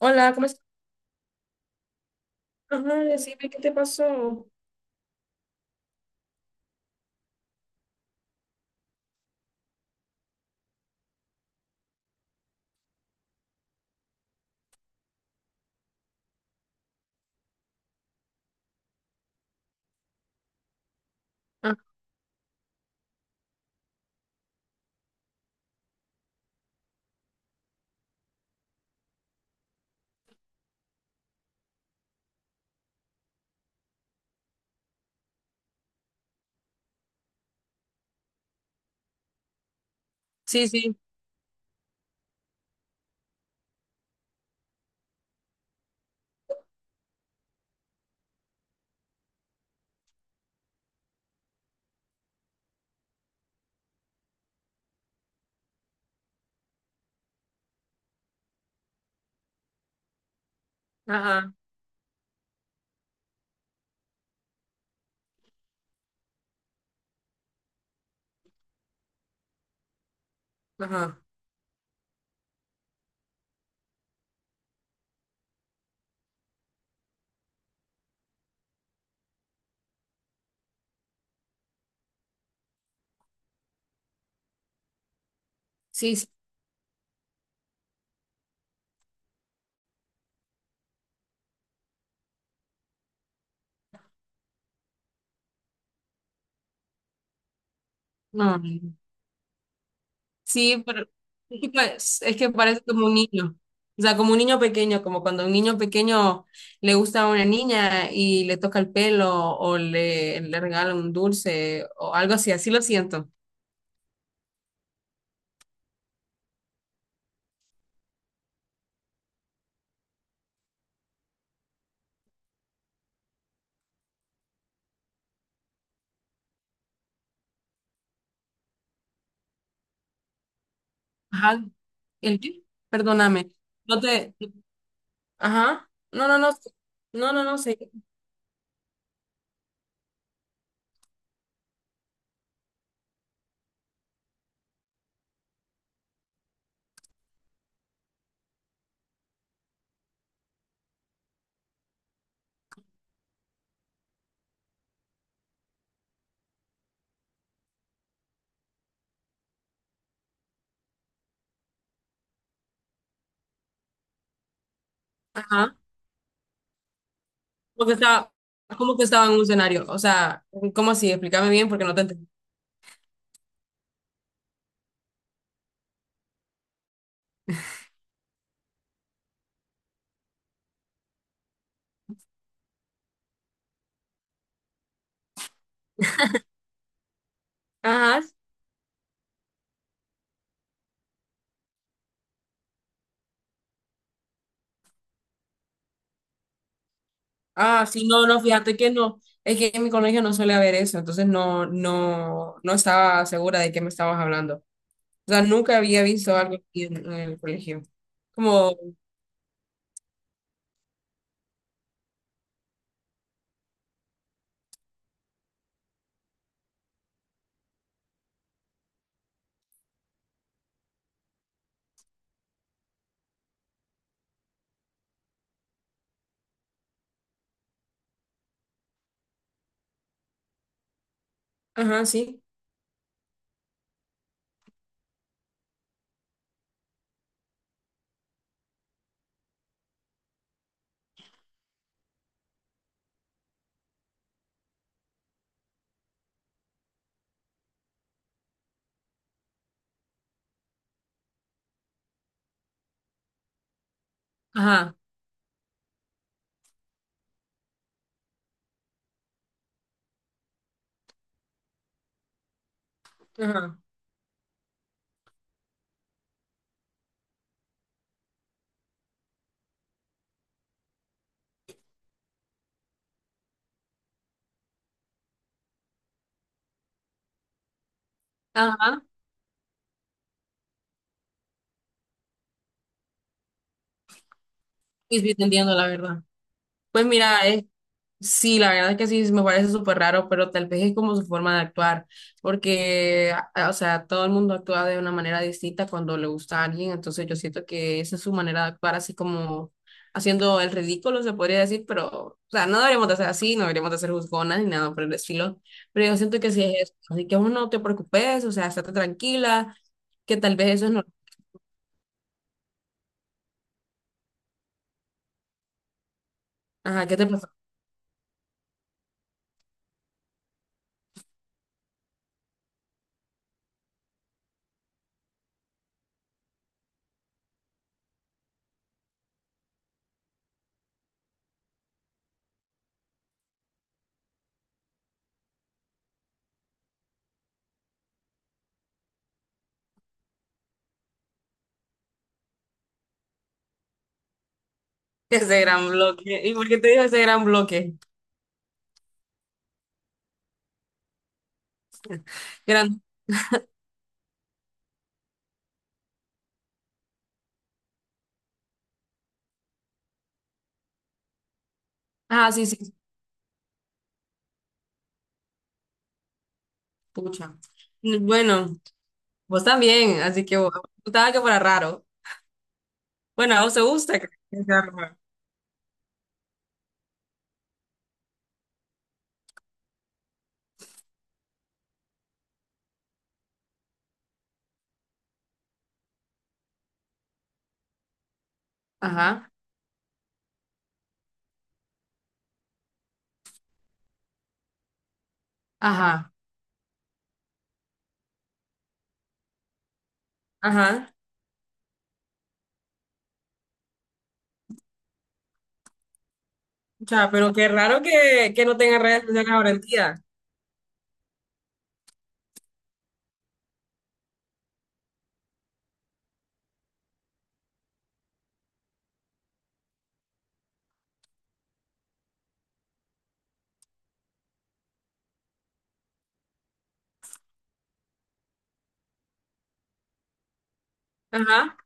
Hola, ¿cómo estás? Ajá, decime, ¿qué te pasó? Ah, sí, sí, ajá, ajá. Sí, sí, no, sí, pero es que es que parece como un niño. O sea, como un niño pequeño, como cuando un niño pequeño le gusta a una niña y le toca el pelo o le regala un dulce o algo así, así lo siento. Ajá, ¿el qué? Perdóname. No te, ajá, no, no, no, no, no, no, sé. ¿Cómo que estaba, cómo que estaba en un escenario? O sea, ¿cómo así? Explícame bien porque no te entendí. Ajá. Ah, sí, no, no, fíjate que no. Es que en mi colegio no suele haber eso, entonces no, no, no estaba segura de qué me estabas hablando. O sea, nunca había visto algo así en el colegio. Como, ajá, sí, ajá, ajá, ajá, y estoy entendiendo la verdad. Pues mira, es. Sí, la verdad que sí, me parece súper raro, pero tal vez es como su forma de actuar, porque, o sea, todo el mundo actúa de una manera distinta cuando le gusta a alguien, entonces yo siento que esa es su manera de actuar, así como haciendo el ridículo, se podría decir, pero, o sea, no deberíamos de ser así, no deberíamos de ser juzgonas ni nada por el estilo, pero yo siento que sí es eso, así que uno no te preocupes, o sea, estate tranquila, que tal vez eso es normal. Ajá, ¿qué te pasó? Ese gran bloque, ¿y por qué te digo ese gran bloque? Gran... Ah, sí, sí, pucha. Bueno. Vos también, así que vos gustaba que fuera raro. Bueno, a vos te gusta que sea raro. Ajá, ajá. Ajá. O sea, pero qué raro que no tenga redes sociales ahora en día. Ajá,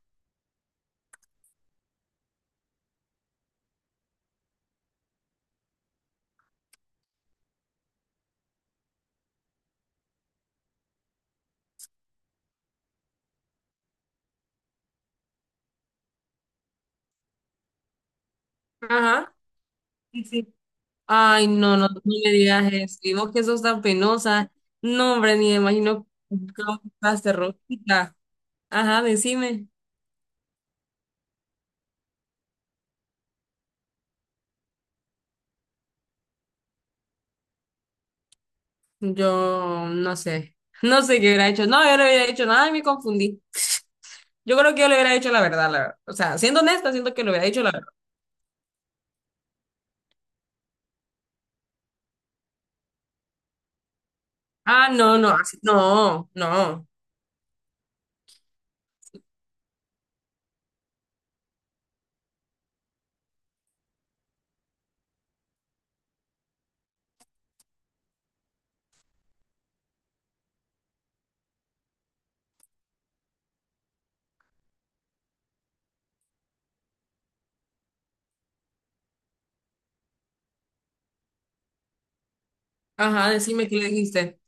ajá. Sí, sí. Ay, no, no, no me digas eso. Y vos que sos tan penosa. No, hombre, ni me imagino cómo estás de rojita. Ajá, decime. Yo no sé. No sé qué hubiera hecho. No, yo no hubiera hecho nada y me confundí. Yo creo que yo le hubiera hecho la verdad, la verdad. O sea, siendo honesta, siento que lo hubiera hecho la. Ah, no, no, no. Ajá, decime qué le dijiste.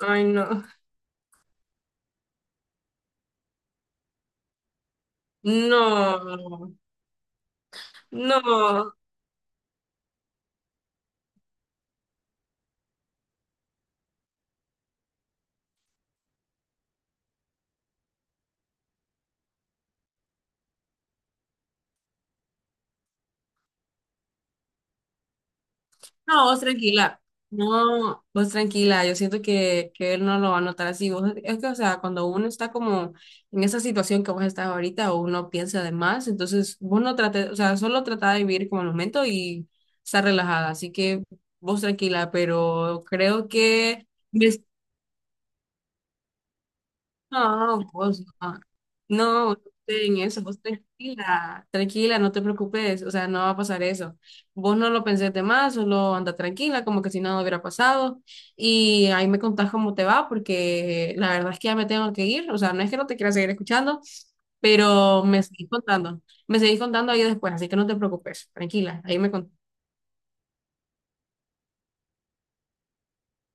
Ay, no. No, no. No, vos tranquila. No, vos tranquila. Yo siento que él no lo va a notar así. Vos, es que, o sea, cuando uno está como en esa situación que vos estás ahorita, uno piensa de más, entonces vos no trates, o sea, solo trata de vivir como el momento y estar relajada. Así que vos tranquila, pero creo que... No, vos no. No, vos no estés en eso, vos tranquila, tranquila, no te preocupes, o sea, no va a pasar eso. Vos no lo pensés de más, solo anda tranquila, como que si nada hubiera pasado. Y ahí me contás cómo te va, porque la verdad es que ya me tengo que ir, o sea, no es que no te quiera seguir escuchando, pero me seguís contando ahí después, así que no te preocupes, tranquila, ahí me contás.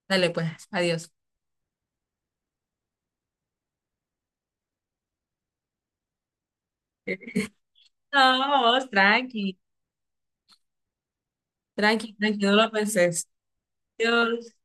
Dale, pues, adiós. No, vos tranqui, tranqui, tranqui, no lo pensés. Adiós.